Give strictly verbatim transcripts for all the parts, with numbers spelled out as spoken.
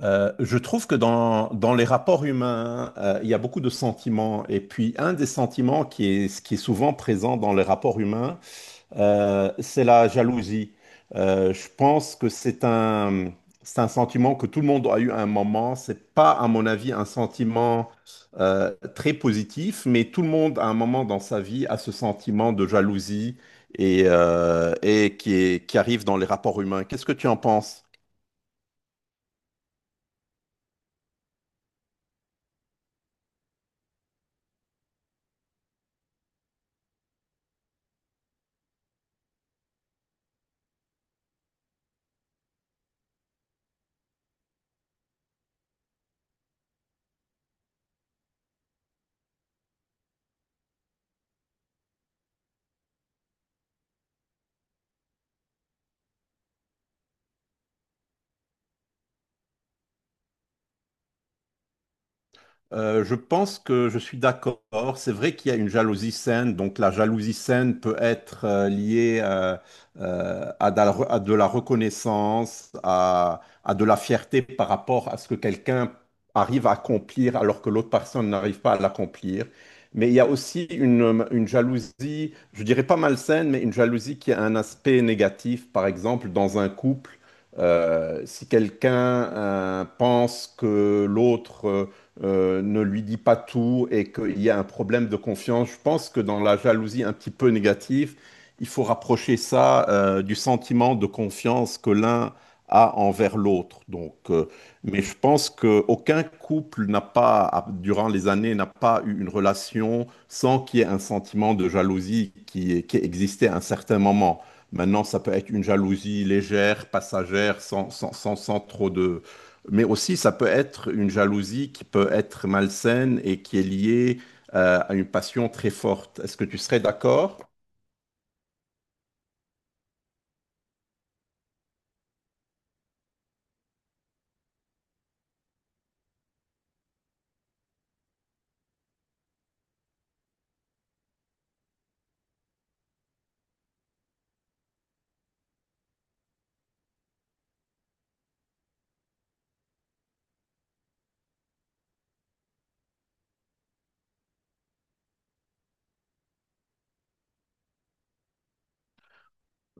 Euh, je trouve que dans, dans les rapports humains, euh, il y a beaucoup de sentiments. Et puis, un des sentiments qui est, qui est souvent présent dans les rapports humains, euh, c'est la jalousie. Euh, je pense que c'est un, c'est un sentiment que tout le monde a eu à un moment. C'est pas, à mon avis, un sentiment euh, très positif, mais tout le monde, à un moment dans sa vie, a ce sentiment de jalousie et, euh, et qui est- qui arrive dans les rapports humains. Qu'est-ce que tu en penses? Euh, je pense que je suis d'accord. C'est vrai qu'il y a une jalousie saine. Donc la jalousie saine peut être euh, liée euh, euh, à, de la re- à de la reconnaissance, à, à de la fierté par rapport à ce que quelqu'un arrive à accomplir alors que l'autre personne n'arrive pas à l'accomplir. Mais il y a aussi une, une jalousie, je dirais pas malsaine, mais une jalousie qui a un aspect négatif. Par exemple, dans un couple, euh, si quelqu'un euh, pense que l'autre... euh, euh, ne lui dit pas tout et qu'il y a un problème de confiance. Je pense que dans la jalousie un petit peu négative, il faut rapprocher ça euh, du sentiment de confiance que l'un a envers l'autre. Donc, euh, mais je pense qu'aucun couple n'a pas, a- durant les années, n'a pas eu une relation sans qu'il y ait un sentiment de jalousie qui, qui existait à un certain moment. Maintenant, ça peut être une jalousie légère, passagère, sans, sans, sans, sans trop de, mais aussi ça peut être une jalousie qui peut être malsaine et qui est liée euh, à une passion très forte. Est-ce que tu serais d'accord?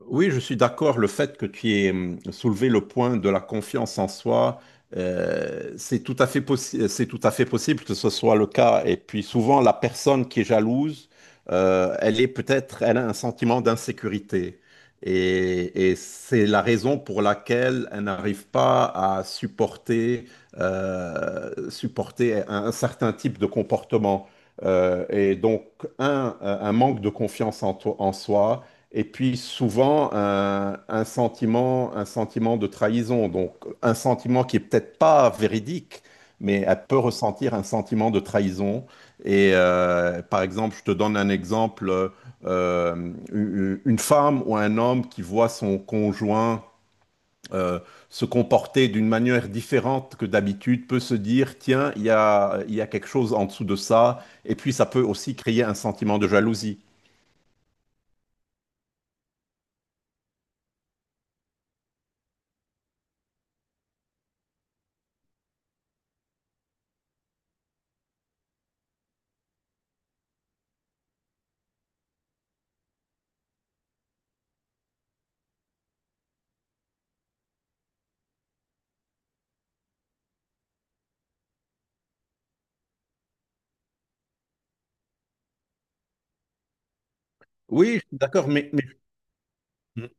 Oui, je suis d'accord. Le fait que tu aies hum, soulevé le point de la confiance en soi, euh, c'est tout à fait possi- c'est tout à fait possible que ce soit le cas. Et puis souvent, la personne qui est jalouse, euh, elle est peut-être, elle a un sentiment d'insécurité. Et, et c'est la raison pour laquelle elle n'arrive pas à supporter, euh, supporter un, un certain type de comportement. Euh, et donc, un, un manque de confiance en, toi- en soi. Et puis souvent un, un sentiment, un sentiment de trahison, donc un sentiment qui est peut-être pas véridique, mais elle peut ressentir un sentiment de trahison. Et euh, par exemple, je te donne un exemple, euh, une une femme ou un homme qui voit son conjoint euh, se comporter d'une manière différente que d'habitude peut se dire, tiens, il y a, il y a quelque chose en dessous de ça, et puis ça peut aussi créer un sentiment de jalousie. Oui, je suis d'accord, mais, mais-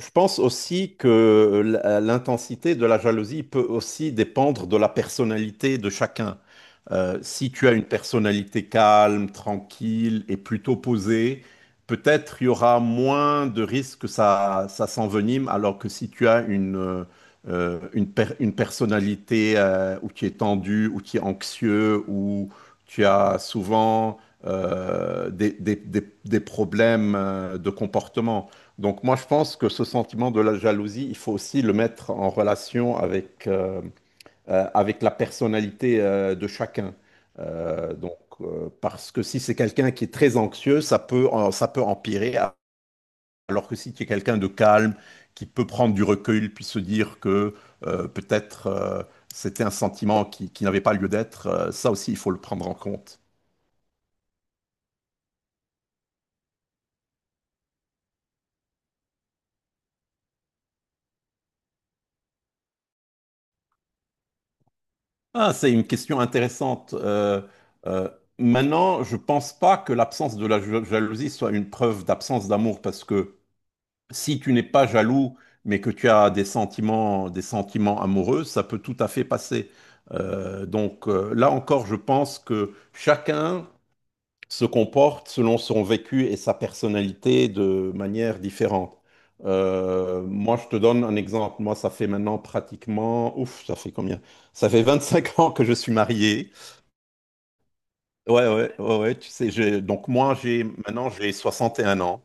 Je pense aussi que la- l'intensité de la jalousie peut aussi dépendre de la personnalité de chacun. Euh, si tu as une personnalité calme, tranquille et plutôt posée, peut-être il y aura moins de risques que ça, ça s'envenime, alors que si tu as une, euh, euh, une, per- une personnalité euh, où tu es tendu, où tu es anxieux, où tu as souvent euh, des, des- des- des problèmes euh, de comportement. Donc moi, je pense que ce sentiment de la jalousie, il faut aussi le mettre en relation avec, euh, euh, avec la personnalité euh, de chacun. Euh, donc, euh, parce que si c'est quelqu'un qui est très anxieux, ça peut, en- ça peut empirer, alors que si tu es quelqu'un de calme, qui peut prendre du recul, puis se dire que euh, peut-être euh, c'était un sentiment qui, qui n'avait pas lieu d'être, euh, ça aussi, il faut le prendre en compte. Ah, c'est une question intéressante. Euh, euh, Maintenant, je pense pas que l'absence de la ja- jalousie soit une preuve d'absence d'amour, parce que si tu n'es pas jaloux, mais que tu as des sentiments, des sentiments amoureux, ça peut tout à fait passer. Euh, donc euh, là encore, je pense que chacun se comporte selon son vécu et sa personnalité de manière différente. Euh, moi, je te donne un exemple. Moi, ça fait maintenant pratiquement, ouf, ça fait combien? Ça fait vingt-cinq ans que je suis marié. Ouais, ouais, ouais, ouais, tu sais, j'ai- donc moi, j'ai maintenant j'ai soixante et un ans.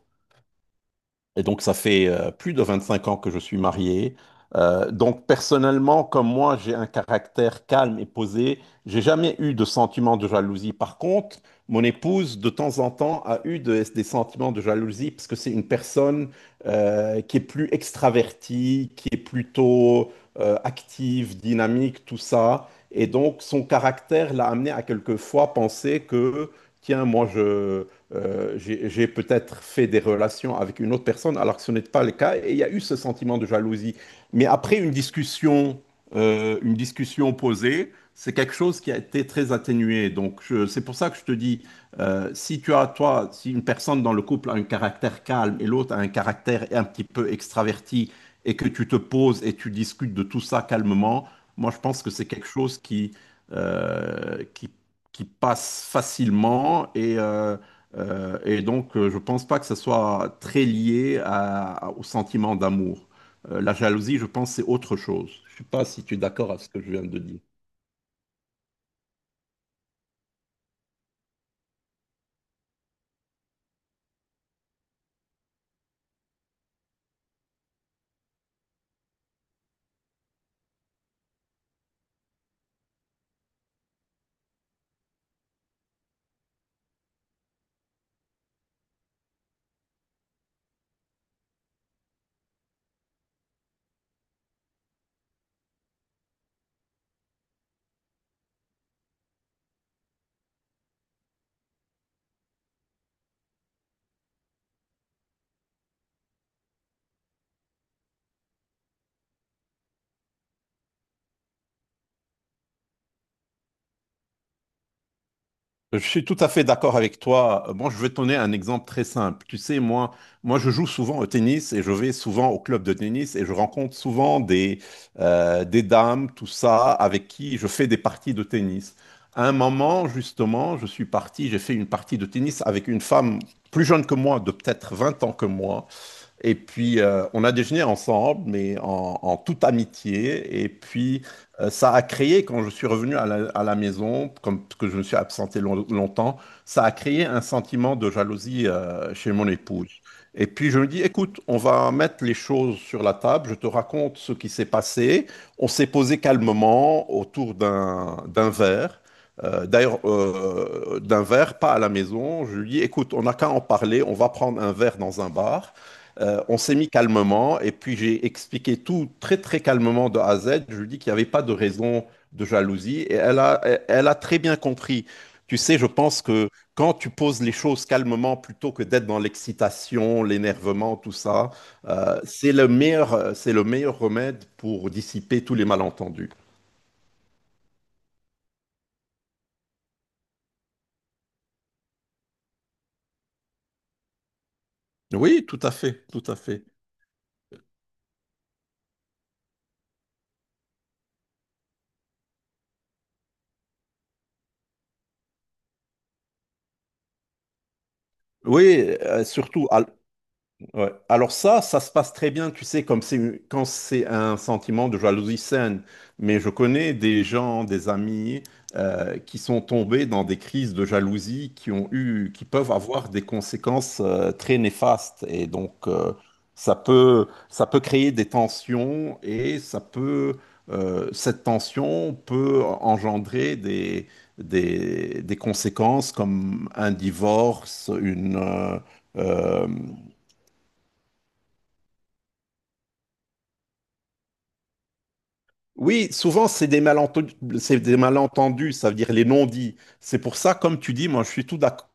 Et donc, ça fait euh, plus de vingt-cinq ans que je suis marié. Euh, donc, personnellement, comme moi, j'ai un caractère calme et posé. J'ai jamais eu de sentiment de jalousie. Par contre, mon épouse, de temps en temps, a eu de- des sentiments de jalousie parce que c'est une personne euh, qui est plus extravertie, qui est plutôt euh, active, dynamique, tout ça. Et donc, son caractère l'a amené à quelquefois penser que, tiens, moi, je euh, j'ai j'ai peut-être fait des relations avec une autre personne alors que ce n'était pas le cas. Et il y a eu ce sentiment de jalousie. Mais après une discussion, euh, une discussion posée, c'est quelque chose qui a été très atténué. Donc je- c'est pour ça que je te dis, euh, si tu as toi, si une personne dans le couple a un caractère calme et l'autre a un caractère un petit peu extraverti et que tu te poses et tu discutes de tout ça calmement, moi je pense que c'est quelque chose qui, euh, qui, qui passe facilement et euh, euh, et donc, euh, je pense pas que ce soit très lié à- au sentiment d'amour. Euh, la jalousie, je pense, c'est autre chose. Je sais pas si tu es d'accord avec ce que je viens de dire. Je suis tout à fait d'accord avec toi. Euh, Bon, je vais te donner un exemple très simple. Tu sais, moi, moi, je joue souvent au tennis et je vais souvent au club de tennis et je rencontre souvent des, euh, des dames, tout ça, avec qui je fais des parties de tennis. À un moment, justement, je suis parti, j'ai fait une partie de tennis avec une femme plus jeune que moi, de peut-être vingt ans que moi. Et puis, euh, on a déjeuné ensemble, mais en, en toute amitié. Et puis, euh, ça a créé, quand je suis revenu à la, à la maison, comme parce que je me suis absenté long- longtemps, ça a créé un sentiment de jalousie euh, chez mon épouse. Et puis, je me dis, écoute, on va mettre les choses sur la table. Je te raconte ce qui s'est passé. On s'est posé calmement autour d'un d'un verre. Euh, d'ailleurs, euh, d'un verre, pas à la maison. Je lui dis, écoute, on n'a qu'à en parler. On va prendre un verre dans un bar. Euh, on s'est mis calmement et puis j'ai expliqué tout très très calmement de A à Z. Je lui ai dit qu'il n'y avait pas de raison de jalousie et elle a, elle elle a très bien compris. Tu sais, je pense que quand tu poses les choses calmement plutôt que d'être dans l'excitation, l'énervement, tout ça, euh, c'est le meilleur, c'est le meilleur remède pour dissiper tous les malentendus. Oui, tout à fait, tout à fait. Oui, euh, surtout, al- Ouais. Alors ça, ça se passe très bien, tu sais, comme c'est quand c'est un sentiment de jalousie saine. Mais je connais des gens, des amis euh, qui sont tombés dans des crises de jalousie qui ont eu, qui peuvent avoir des conséquences euh, très néfastes. Et donc euh, ça peut, ça peut créer des tensions et ça peut, euh, cette tension peut engendrer des, des, des conséquences comme un divorce, une euh, euh, Oui, souvent c'est des malentendus, c'est des malentendus, ça veut dire les non-dits. C'est pour ça, comme tu dis, moi je suis tout d'accord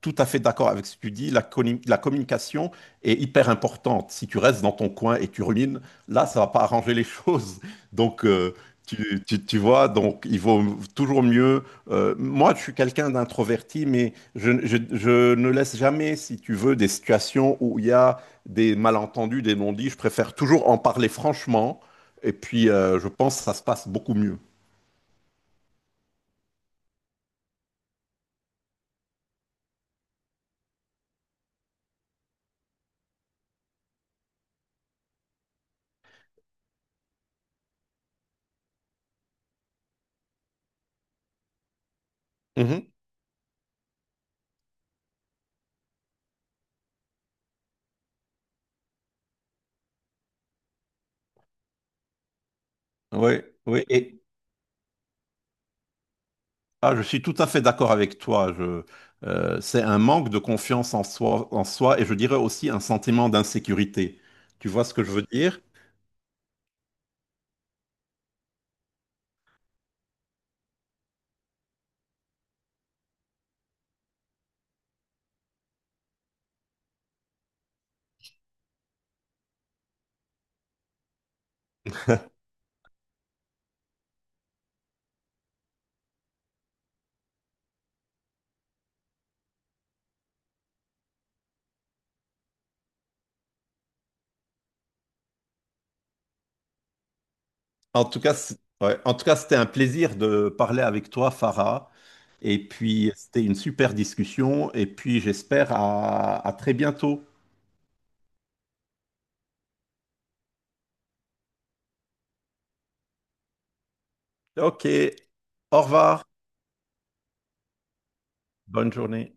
tout à fait d'accord avec ce que tu dis. La, conni- la communication est hyper importante. Si tu restes dans ton coin et tu rumines, là, ça va pas arranger les choses. Donc, euh, tu, tu- tu vois, donc il vaut toujours mieux. Euh, moi, je suis quelqu'un d'introverti, mais je, je- je ne laisse jamais, si tu veux, des situations où il y a des malentendus, des non-dits. Je préfère toujours en parler franchement. Et puis, euh, je pense que ça se passe beaucoup mieux. Oui, oui. Ah, je suis tout à fait d'accord avec toi. Je, euh, c'est un manque de confiance en soi, en soi, et je dirais aussi un sentiment d'insécurité. Tu vois ce que je veux dire? En tout cas, c'est- ouais. En tout cas, c'était un plaisir de parler avec toi, Farah. Et puis, c'était une super discussion. Et puis, j'espère à à très bientôt. Ok. Au revoir. Bonne journée.